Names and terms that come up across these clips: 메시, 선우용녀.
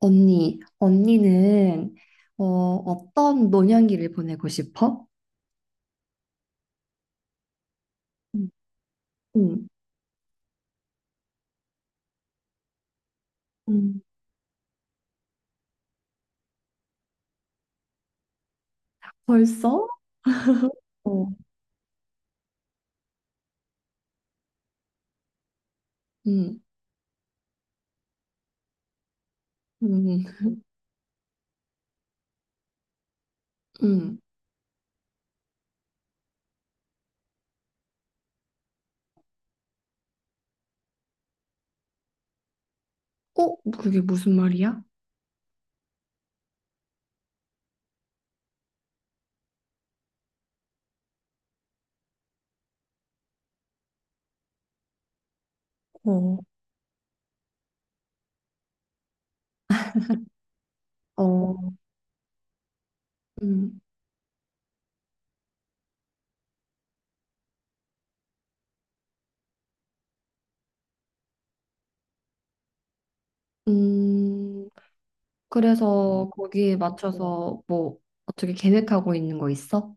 언니, 언니는 어떤 노년기를 보내고 싶어? 음. 응. 음, 벌써? 어. 응. 응. 응. 어, 그게 무슨 말이야? 어. 어. 음. 음. 그래서 거기에 맞춰서 뭐 어떻게 계획하고 있는 거 있어?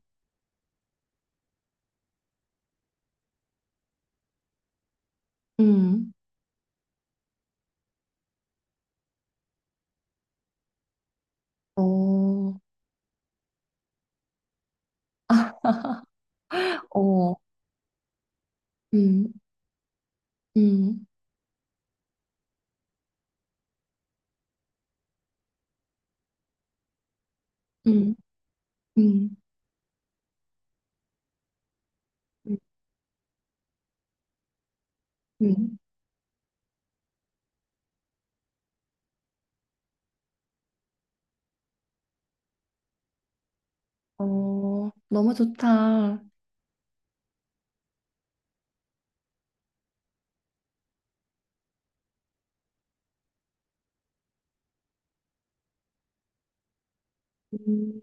음. 어. 어. 음. 음. 음. 음. 음. 음. 어, 너무 좋다. 음.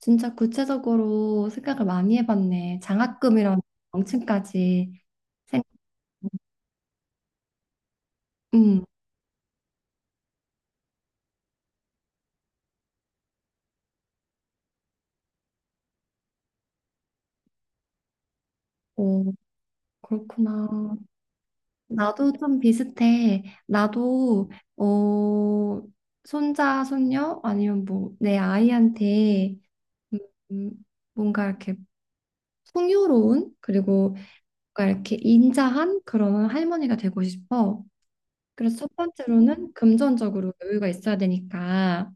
진짜 구체적으로 생각을 많이 해봤네. 장학금이랑 명칭까지 생각. 음. 어, 그렇구나. 나도 좀 비슷해. 나도, 어, 손자, 손녀, 아니면 뭐, 내 아이한테, 음, 음, 뭔가 이렇게 풍요로운, 그리고 뭔가 이렇게 인자한 그런 할머니가 되고 싶어. 그래서 첫 번째로는 금전적으로 여유가 있어야 되니까.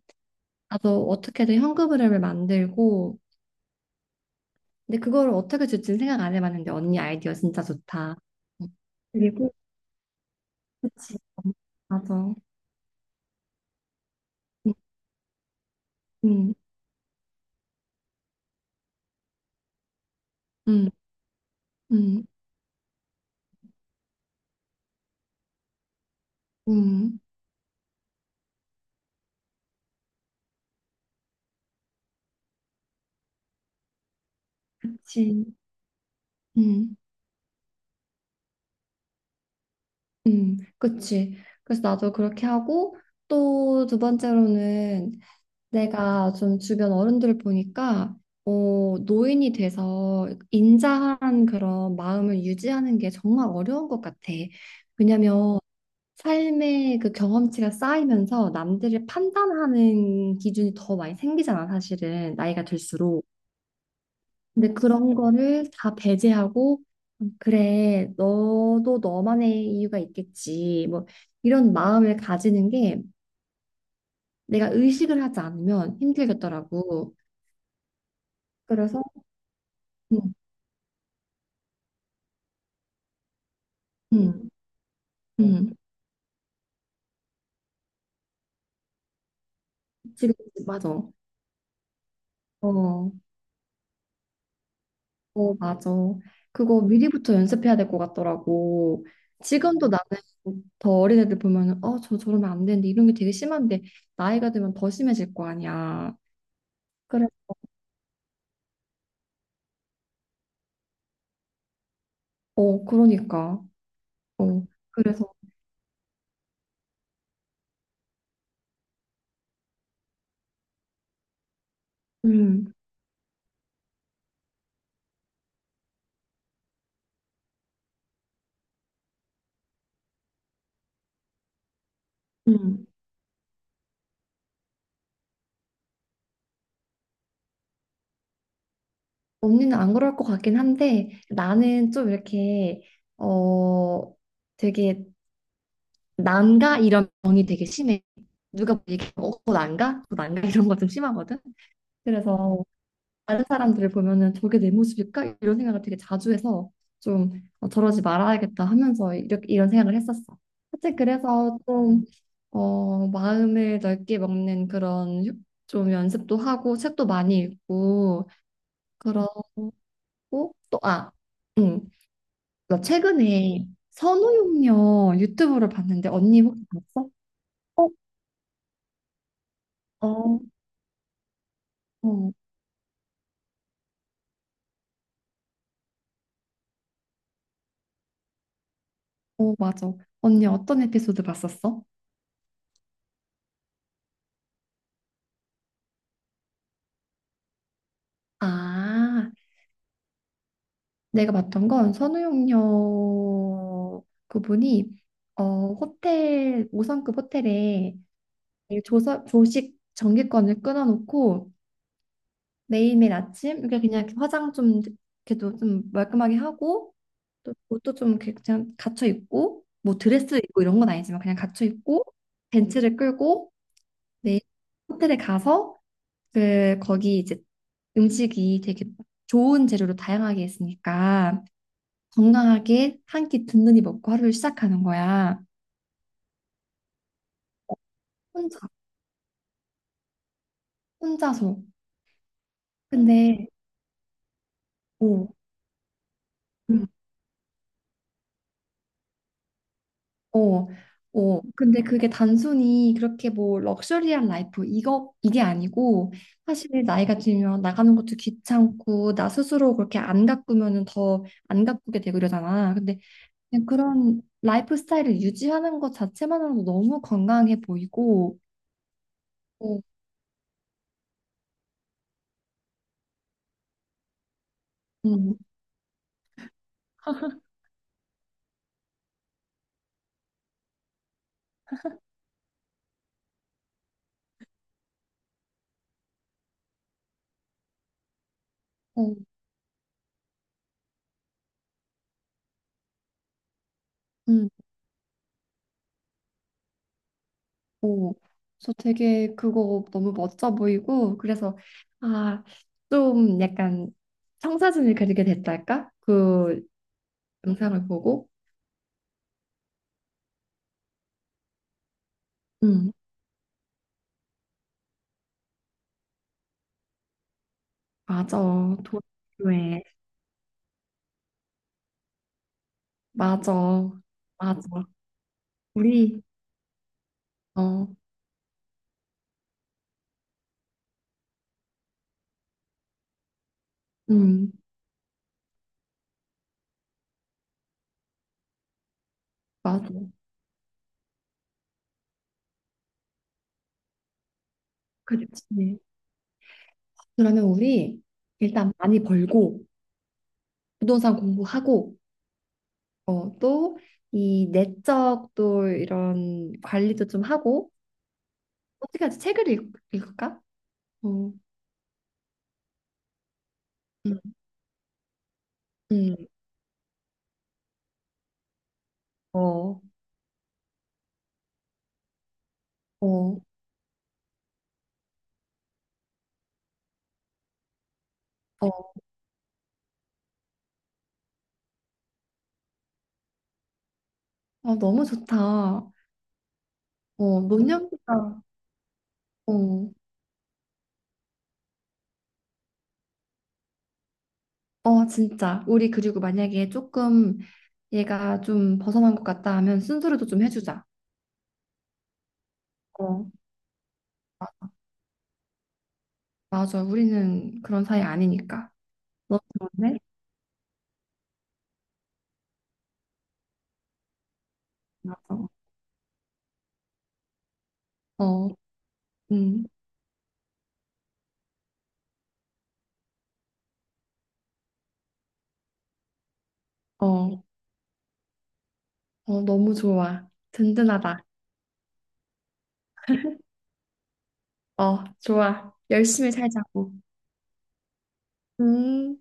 나도 어떻게든 현금 흐름을 만들고, 근데 그거를 어떻게 줄지는 생각 안 해봤는데 언니 아이디어 진짜 좋다. 응. 그리고 그치 맞아. 응응응응응. 그치. 응응. 그치. 그래서 나도 그렇게 하고 또 두 번째로는 내가 좀 주변 어른들을 보니까 어, 노인이 돼서 인자한 그런 마음을 유지하는 게 정말 어려운 것 같아. 왜냐면 삶의 그 경험치가 쌓이면서 남들을 판단하는 기준이 더 많이 생기잖아, 사실은. 나이가 들수록. 근데 그런 거를 다 배제하고, 그래, 너도 너만의 이유가 있겠지. 뭐, 이런 마음을 가지는 게 내가 의식을 하지 않으면 힘들겠더라고. 그래서. 음. 음. 음. 지금, 맞아. 어. 어, 맞아. 그거 미리부터 연습해야 될 것 같더라고. 지금도 나는 더 어린 애들 보면은, 어, 저러면 안 되는데, 이런 게 되게 심한데, 나이가 들면 더 심해질 거 아니야. 그래. 어, 그러니까. 어, 그래서. 음. 음. 언니는 안 그럴 것 같긴 한데, 나는 좀 이렇게, 어, 되게, 난가? 이런 병이 되게 심해. 누가 보기에, 어, 난가? 너 난가? 이런 거 좀 심하거든? 그래서, 다른 사람들을 보면은 저게 내 모습일까? 이런 생각을 되게 자주 해서 좀 어, 저러지 말아야겠다 하면서 이렇게 이런 생각을 했었어. 사실 그래서 좀 어, 마음을 넓게 먹는 그런 좀 연습도 하고 책도 많이 읽고 그러고 또 아. 응. 나 최근에 선우용녀 유튜브를 봤는데 언니 혹시 봤어? 어. 어. 어. 어, 맞아. 언니 어떤 에피소드 봤었어? 아, 내가 봤던 건 선우용녀 그분이 어 호텔 5성급 호텔에 조식 정기권을 끊어놓고 매일매일 아침 이렇게 그냥 이렇게 화장 좀 이렇게도 좀 말끔하게 하고 또 옷도 좀 이렇게 그냥 갖춰 입고 뭐 드레스 입고 이런 건 아니지만 그냥 갖춰 입고 벤츠를 끌고 매일 호텔에 가서 그 거기 이제 음식이 되게 좋은 재료로 다양하게 있으니까 건강하게 한 끼 든든히 먹고 하루를 시작하는 거야. 혼자, 혼자서. 근데. 어. 음. 어. 어. 근데 그게 단순히 그렇게 뭐 럭셔리한 라이프, 이게 아니고, 사실 나이가 들면 나가는 것도 귀찮고, 나 스스로 그렇게 안 가꾸면은 더 안 가꾸게 되고 이러잖아. 근데 그냥 그런 라이프 스타일을 유지하는 것 자체만으로도 너무 건강해 보이고, 어. 음. 어. 음. 어, 저 되게 그거 너무 멋져 보이고 그래서 아, 좀 약간 청사진을 그리게 됐달까? 그 영상을 보고. 음, 맞아. 도쿄에 맞아. 맞아. 우리. 어. 음. 맞아. 그렇지. 그러면 우리 일단 많이 벌고 부동산 공부하고 어, 또 이 내적 또 이런 관리도 좀 하고 어떻게 하지? 책을 읽을까? 어. 음. 음. 어. 어. 어. 어, 너무 좋다. 어. 노년보다. 어. 어, 진짜. 우리 그리고 만약에 조금 얘가 좀 벗어난 것 같다 하면 순소리도 좀 해주자. 어. 마- 맞아. 우리는 그런 사이 아니니까. 너무 좋은데? 맞아. 어. 음. 어. 어, 너무 좋아. 든든하다. 어, 좋아. 열심히 살자고. 음.